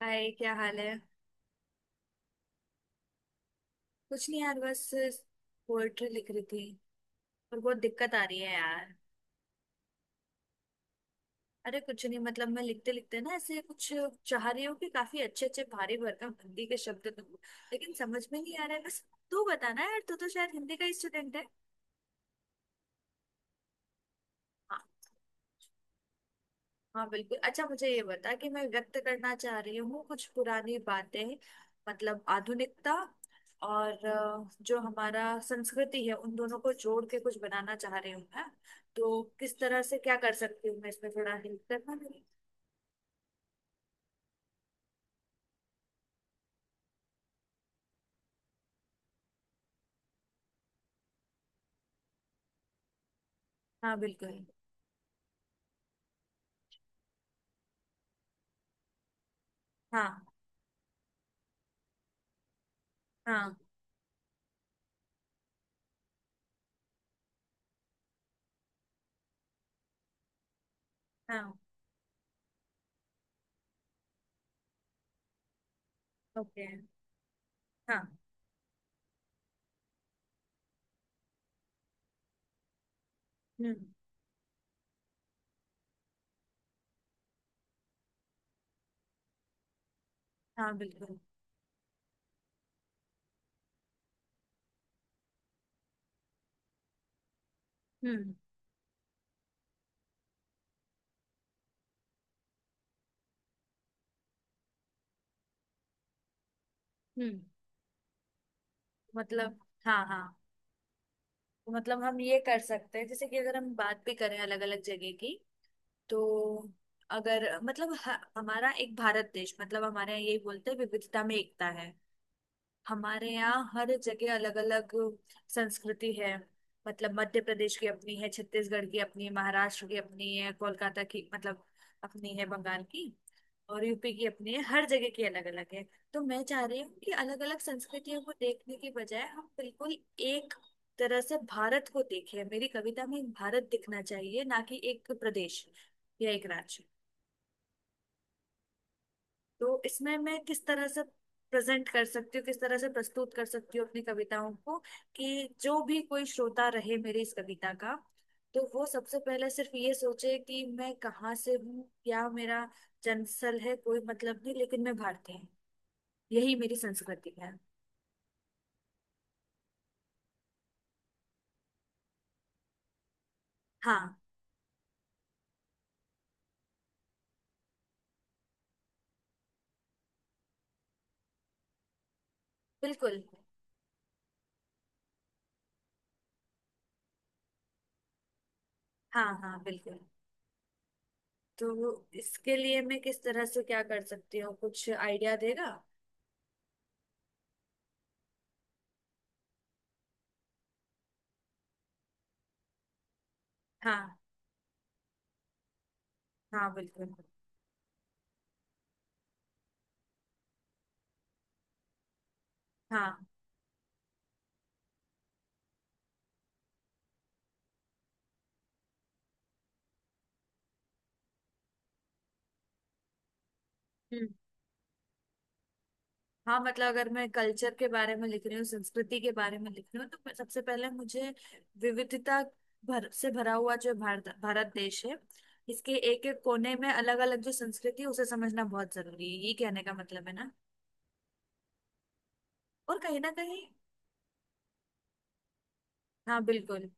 हाय, क्या हाल है? कुछ नहीं यार, बस पोएट्री लिख रही थी। और बहुत दिक्कत आ रही है यार। अरे कुछ नहीं, मतलब मैं लिखते लिखते ना ऐसे कुछ चाह रही हूँ कि काफी अच्छे अच्छे भारी भरकम हिंदी के शब्द दूँ, लेकिन समझ में नहीं आ रहा है बस। तू बताना यार, तू तो शायद हिंदी का स्टूडेंट है। हाँ बिल्कुल। अच्छा, मुझे ये बता कि मैं व्यक्त करना चाह रही हूँ कुछ पुरानी बातें, मतलब आधुनिकता। और जो हमारा संस्कृति है उन दोनों को जोड़ के कुछ बनाना चाह रही हूँ मैं। तो किस तरह से क्या कर सकती हूँ मैं? इसमें थोड़ा हेल्प करना मेरी। हाँ बिल्कुल। हाँ। हाँ। हाँ। ओके। हाँ। हम्म। हाँ बिल्कुल। हम्म। हम्म। मतलब हाँ हाँ। मतलब हम ये कर सकते हैं, जैसे कि अगर हम बात भी करें अलग अलग जगह की तो, अगर मतलब हमारा एक भारत देश, मतलब हमारे यहाँ यही बोलते हैं, विविधता में एकता है। हमारे यहाँ हर जगह अलग अलग संस्कृति है। मतलब मध्य प्रदेश की अपनी है, छत्तीसगढ़ की अपनी है, महाराष्ट्र की अपनी है, कोलकाता की, मतलब अपनी है बंगाल की, और यूपी की अपनी है। हर जगह की अलग अलग है। तो मैं चाह रही हूँ कि अलग अलग संस्कृतियों को देखने की बजाय हम बिल्कुल एक तरह से भारत को देखें। मेरी कविता में भारत दिखना चाहिए, ना कि एक प्रदेश या एक राज्य। तो इसमें मैं किस तरह से प्रेजेंट कर सकती हूँ, किस तरह से प्रस्तुत कर सकती हूँ अपनी कविताओं को कि जो भी कोई श्रोता रहे मेरी इस कविता का, तो वो सबसे पहले सिर्फ ये सोचे कि मैं कहाँ से हूँ, क्या मेरा जन्मस्थल है, कोई मतलब नहीं, लेकिन मैं भारतीय हूँ। यही मेरी संस्कृति है। हाँ बिल्कुल। हाँ। हाँ बिल्कुल। तो इसके लिए मैं किस तरह से क्या कर सकती हूँ? कुछ आइडिया देगा? हाँ। हाँ बिल्कुल। हाँ। हाँ। मतलब अगर मैं कल्चर के बारे में लिख रही हूँ, संस्कृति के बारे में लिख रही हूँ, तो सबसे पहले मुझे विविधता भर से भरा हुआ जो भारत भारत देश है, इसके एक एक कोने में अलग अलग जो संस्कृति है उसे समझना बहुत जरूरी है, ये कहने का मतलब है ना। और कहीं ना कहीं। हाँ बिल्कुल।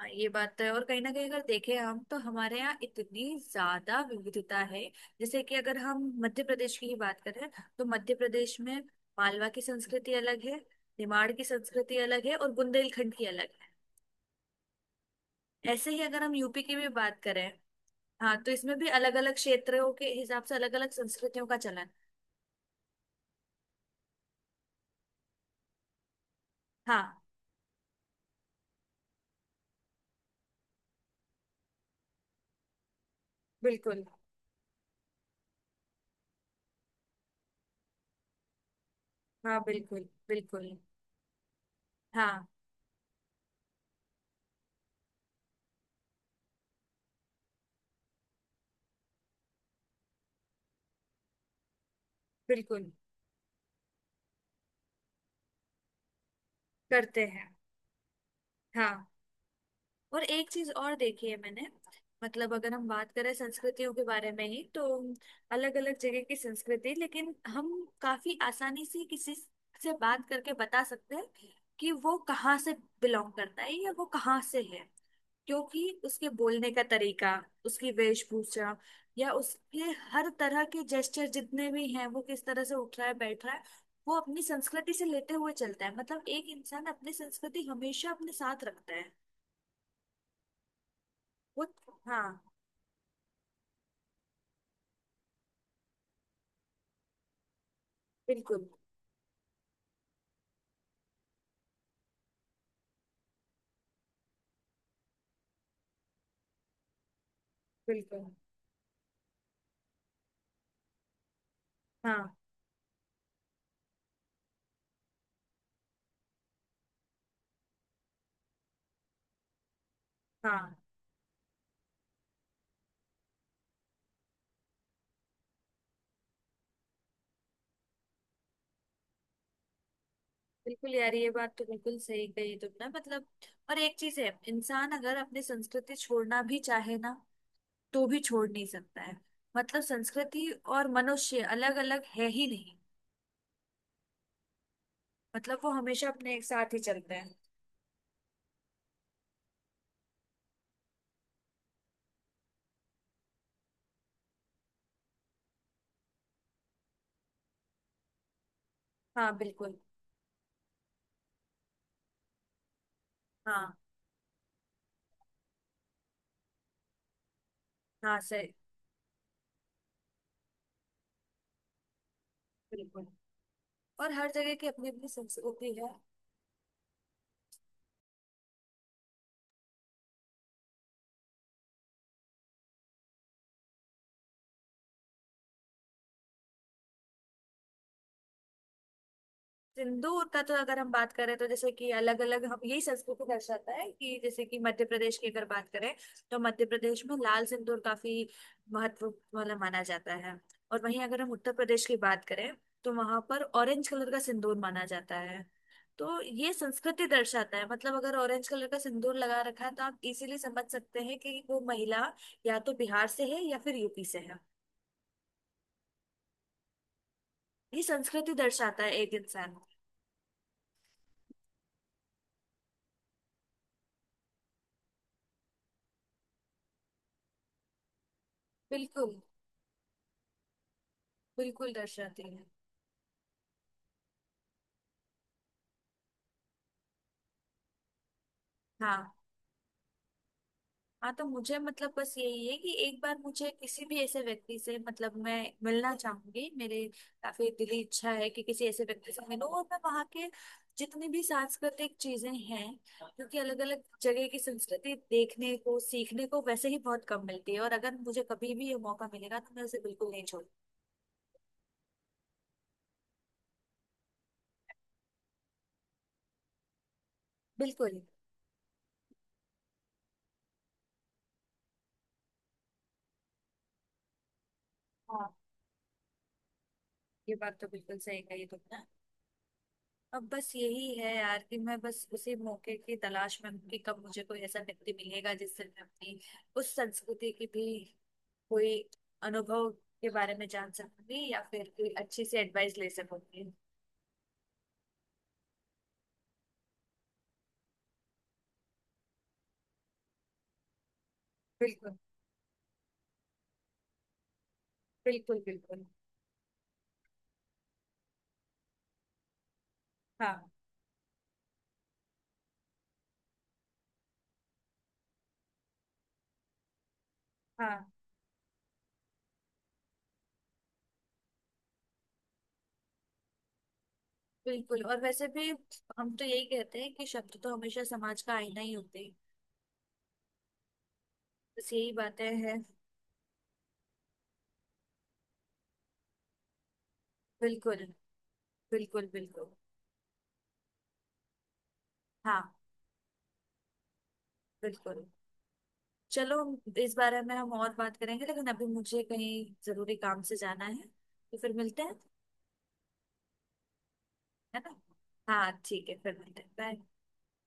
हाँ, ये बात तो है और कहीं ना कहीं अगर देखें हम, तो हमारे यहाँ इतनी ज्यादा विविधता है। जैसे कि अगर हम मध्य प्रदेश की ही बात करें, तो मध्य प्रदेश में मालवा की संस्कृति अलग है, निमाड़ की संस्कृति अलग है और बुंदेलखंड की अलग है। ऐसे ही अगर हम यूपी की भी बात करें। हाँ। तो इसमें भी अलग अलग क्षेत्रों के हिसाब से अलग अलग संस्कृतियों का चलन। हाँ बिल्कुल। हाँ बिल्कुल बिल्कुल। हाँ बिल्कुल। करते हैं। हाँ, और एक चीज और देखी है मैंने, मतलब अगर हम बात करें संस्कृतियों के बारे में ही तो, अलग अलग जगह की संस्कृति, लेकिन हम काफी आसानी से किसी से बात करके बता सकते हैं कि वो कहाँ से बिलोंग करता है या वो कहाँ से है। क्योंकि उसके बोलने का तरीका, उसकी वेशभूषा, या उसके हर तरह के जेस्चर जितने भी हैं, वो किस तरह से उठ रहा है, बैठ रहा है, वो अपनी संस्कृति से लेते हुए चलता है। मतलब एक इंसान अपनी संस्कृति हमेशा अपने साथ रखता है वो। हाँ बिल्कुल। बिल्कुल। हाँ। हाँ बिल्कुल यार, ये बात तो बिल्कुल सही कही तुमने, मतलब। और एक चीज है, इंसान अगर अपनी संस्कृति छोड़ना भी चाहे ना, तो भी छोड़ नहीं सकता है। मतलब संस्कृति और मनुष्य अलग अलग है ही नहीं। मतलब वो हमेशा अपने एक साथ ही चलते हैं। हाँ बिल्कुल। हाँ। हाँ सही। बिल्कुल, और हर जगह की अपनी अपनी संस्कृति है। सिंदूर का तो अगर हम बात करें, तो जैसे कि अलग अलग, हम यही संस्कृति दर्शाता है कि जैसे कि मध्य प्रदेश की अगर बात करें, तो मध्य प्रदेश में लाल सिंदूर काफी महत्व, मतलब माना जाता है। और वहीं अगर हम उत्तर प्रदेश की बात करें, तो वहां पर ऑरेंज कलर का सिंदूर माना जाता है। तो ये संस्कृति दर्शाता है, मतलब अगर ऑरेंज कलर का सिंदूर लगा रखा है, तो आप इजीली समझ सकते हैं कि वो महिला या तो बिहार से है या फिर यूपी से है। ये संस्कृति दर्शाता है एक इंसान। बिल्कुल। बिल्कुल दर्शाती है। हाँ। हाँ तो मुझे, मतलब बस यही है कि एक बार मुझे किसी भी ऐसे व्यक्ति से, मतलब मैं मिलना चाहूंगी मेरे, काफी दिली इच्छा है कि किसी ऐसे व्यक्ति से मिलूं और मैं वहाँ के जितनी भी सांस्कृतिक चीजें हैं, क्योंकि अलग अलग जगह की संस्कृति देखने को सीखने को वैसे ही बहुत कम मिलती है, और अगर मुझे कभी भी ये मौका मिलेगा तो मैं उसे बिल्कुल नहीं छोड़। बिल्कुल। हाँ, ये बात तो बिल्कुल सही कही तुमने। अब बस यही है यार कि मैं बस उसी मौके की तलाश में हूँ कि कब मुझे कोई ऐसा व्यक्ति मिलेगा जिससे मैं अपनी उस संस्कृति की भी कोई अनुभव के बारे में जान सकूंगी या फिर कोई अच्छी सी एडवाइस ले सकूंगी। बिल्कुल। बिल्कुल बिल्कुल। हाँ। हाँ बिल्कुल। और वैसे भी हम तो यही कहते हैं कि शब्द तो हमेशा समाज का आईना ही होते हैं। बस यही बातें हैं। बिल्कुल। बिल्कुल बिल्कुल। हाँ बिल्कुल। चलो, इस बारे में हम और बात करेंगे, लेकिन अभी मुझे कहीं जरूरी काम से जाना है। तो फिर मिलते हैं, है ना? हाँ ठीक है, फिर मिलते हैं। बाय।